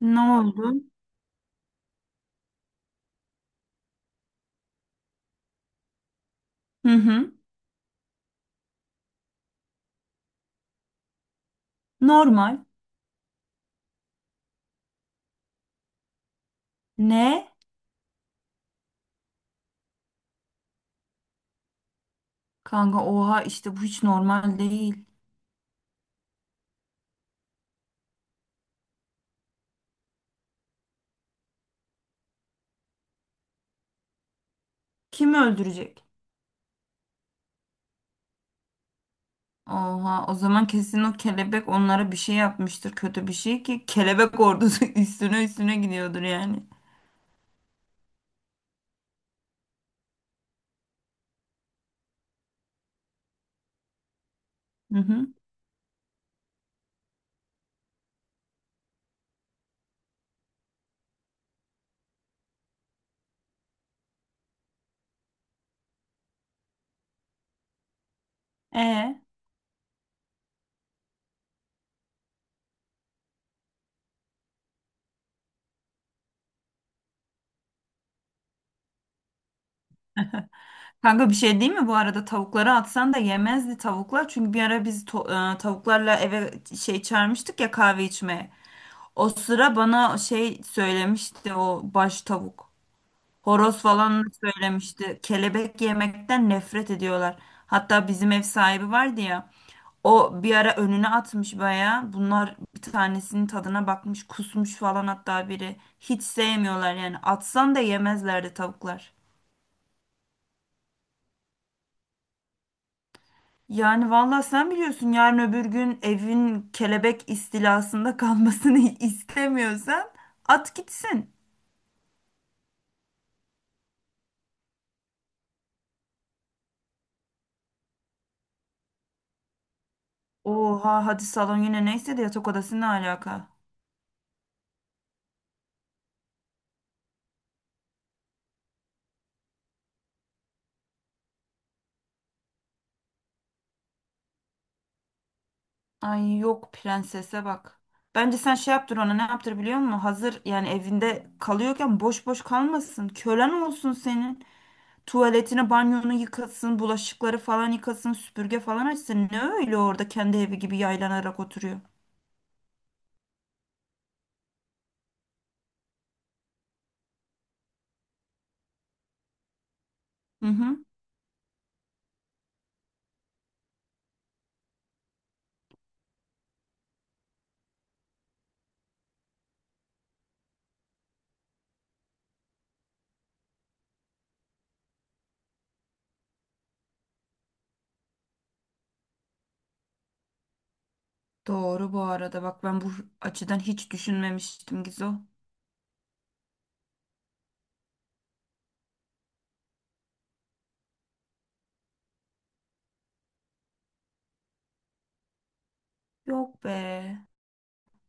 Ne oldu? Hı hı. Normal. Ne? Kanka oha işte bu hiç normal değil. Kimi öldürecek? Oha o zaman kesin o kelebek onlara bir şey yapmıştır, kötü bir şey ki kelebek ordusu üstüne üstüne gidiyordur yani. Hı hı. E Kanka bir şey değil mi, bu arada tavukları atsan da yemezdi tavuklar, çünkü bir ara biz tavuklarla eve şey çağırmıştık ya, kahve içmeye. O sıra bana şey söylemişti o baş tavuk. Horoz falan söylemişti. Kelebek yemekten nefret ediyorlar. Hatta bizim ev sahibi vardı ya. O bir ara önüne atmış bayağı. Bunlar bir tanesinin tadına bakmış, kusmuş falan hatta biri. Hiç sevmiyorlar yani. Atsan da yemezlerdi tavuklar. Yani vallahi sen biliyorsun, yarın öbür gün evin kelebek istilasında kalmasını istemiyorsan at gitsin. Oha hadi salon yine neyse de yatak odası ne alaka? Ay yok, prensese bak. Bence sen şey yaptır ona, ne yaptır biliyor musun? Hazır yani evinde kalıyorken boş boş kalmasın. Kölen olsun senin. Tuvaletini, banyonu yıkasın, bulaşıkları falan yıkasın, süpürge falan açsın. Ne öyle orada kendi evi gibi yaylanarak oturuyor. Hı hı. Doğru, bu arada bak ben bu açıdan hiç düşünmemiştim Gizo. Yok be.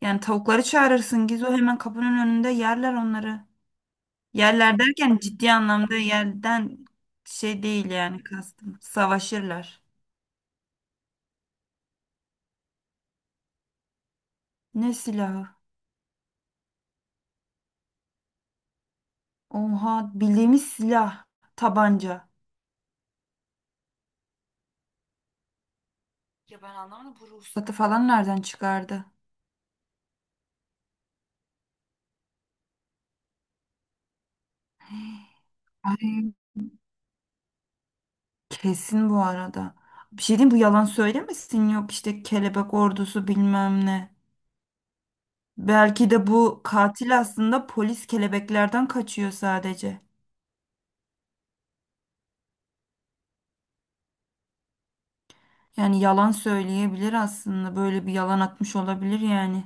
Yani tavukları çağırırsın Gizo, hemen kapının önünde yerler onları. Yerler derken ciddi anlamda yerden şey değil yani kastım. Savaşırlar. Ne silahı? Oha, bildiğimiz silah. Tabanca. Ya ben anlamadım, bu ruhsat falan nereden çıkardı? Ay kesin bu arada. Bir şey diyeyim, bu yalan söylemesin yok işte kelebek ordusu bilmem ne. Belki de bu katil aslında polis kelebeklerden kaçıyor sadece. Yani yalan söyleyebilir, aslında böyle bir yalan atmış olabilir yani.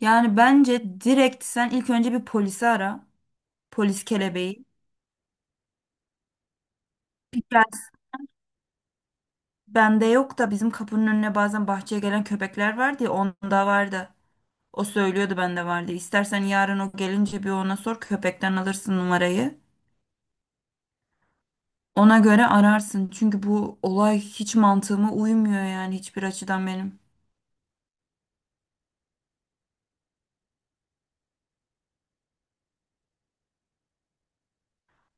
Yani bence direkt sen ilk önce bir polisi ara. Polis kelebeği. Yani bende yok da, bizim kapının önüne bazen bahçeye gelen köpekler vardı ya, onda vardı. O söylüyordu bende vardı. İstersen yarın o gelince bir ona sor, köpekten alırsın numarayı. Ona göre ararsın. Çünkü bu olay hiç mantığıma uymuyor yani, hiçbir açıdan benim.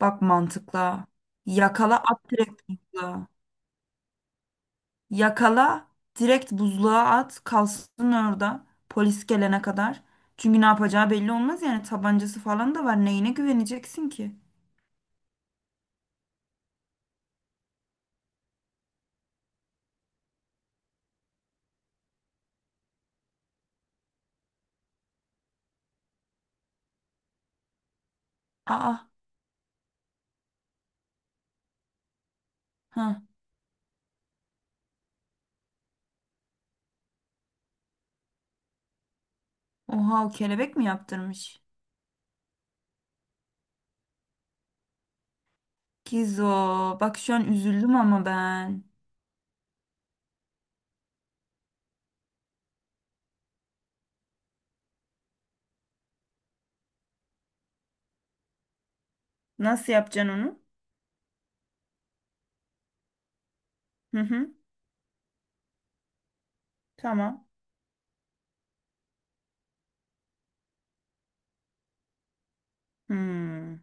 Bak mantıkla. Yakala at direkt mantıkla. Yakala, direkt buzluğa at, kalsın orada polis gelene kadar. Çünkü ne yapacağı belli olmaz yani, tabancası falan da var. Neyine güveneceksin ki? Aa, ha. Oha, o kelebek mi yaptırmış? Kizo, bak şu an üzüldüm ama ben. Nasıl yapacaksın onu? Hı hı. Tamam. Hmm.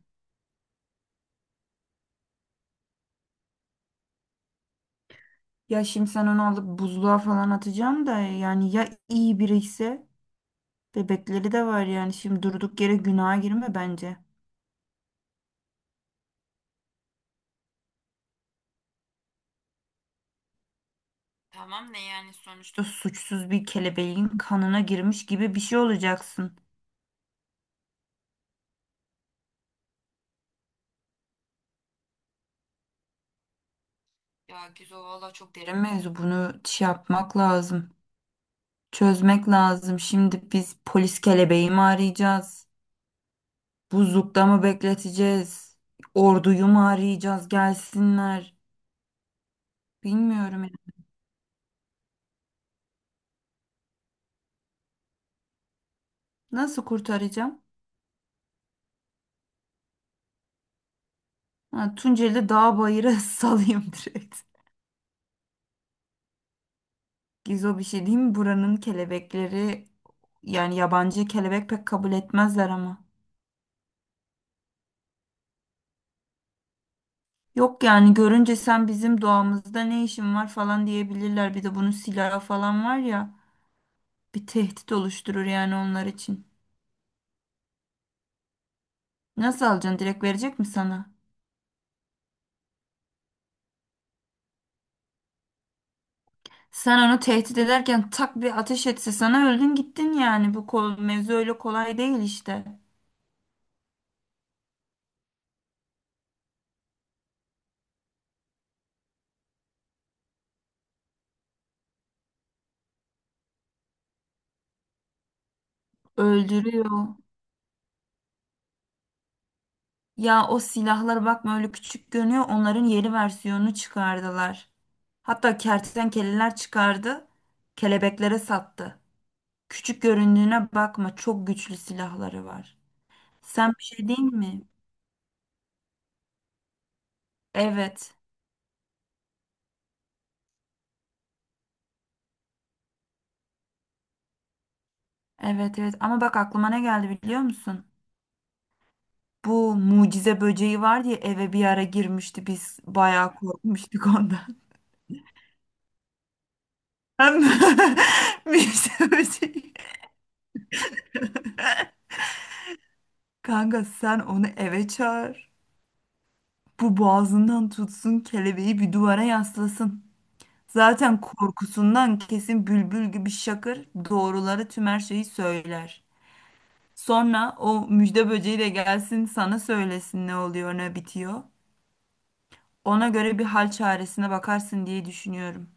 Ya şimdi sen onu alıp buzluğa falan atacaksın da, yani ya iyi biri ise bebekleri de var yani, şimdi durduk yere günaha girme bence. Tamam ne yani, sonuçta İşte suçsuz bir kelebeğin kanına girmiş gibi bir şey olacaksın. Ya Gizo valla çok derin mevzu, bunu şey yapmak lazım. Çözmek lazım. Şimdi biz polis kelebeği mi arayacağız? Buzlukta mı bekleteceğiz? Orduyu mu arayacağız, gelsinler? Bilmiyorum ya. Nasıl kurtaracağım? Ha, Tunceli dağ bayıra salayım direkt. Gizo bir şey diyeyim mi? Buranın kelebekleri, yani yabancı kelebek pek kabul etmezler ama. Yok yani, görünce sen bizim doğamızda ne işin var falan diyebilirler. Bir de bunun silahı falan var ya, bir tehdit oluşturur yani onlar için. Nasıl alacaksın, direkt verecek mi sana? Sen onu tehdit ederken tak bir ateş etse sana, öldün gittin yani. Bu kol, mevzu öyle kolay değil işte. Öldürüyor. Ya o silahlar bakma öyle küçük görünüyor. Onların yeni versiyonunu çıkardılar. Hatta kertenkeleler çıkardı. Kelebeklere sattı. Küçük göründüğüne bakma, çok güçlü silahları var. Sen bir şey değil mi? Evet. Evet evet, ama bak aklıma ne geldi biliyor musun? Bu mucize böceği var diye eve bir ara girmişti, biz bayağı korkmuştuk ondan. Hem mucize böceği. Kanka sen onu eve çağır. Bu boğazından tutsun kelebeği, bir duvara yaslasın. Zaten korkusundan kesin bülbül gibi şakır, doğruları tüm her şeyi söyler. Sonra o müjde böceği de gelsin sana söylesin ne oluyor ne bitiyor. Ona göre bir hal çaresine bakarsın diye düşünüyorum.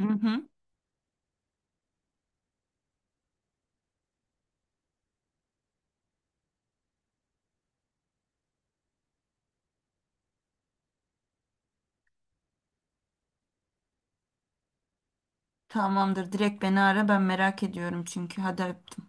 Hı hı. Tamamdır, direkt beni ara, ben merak ediyorum çünkü. Hadi öptüm.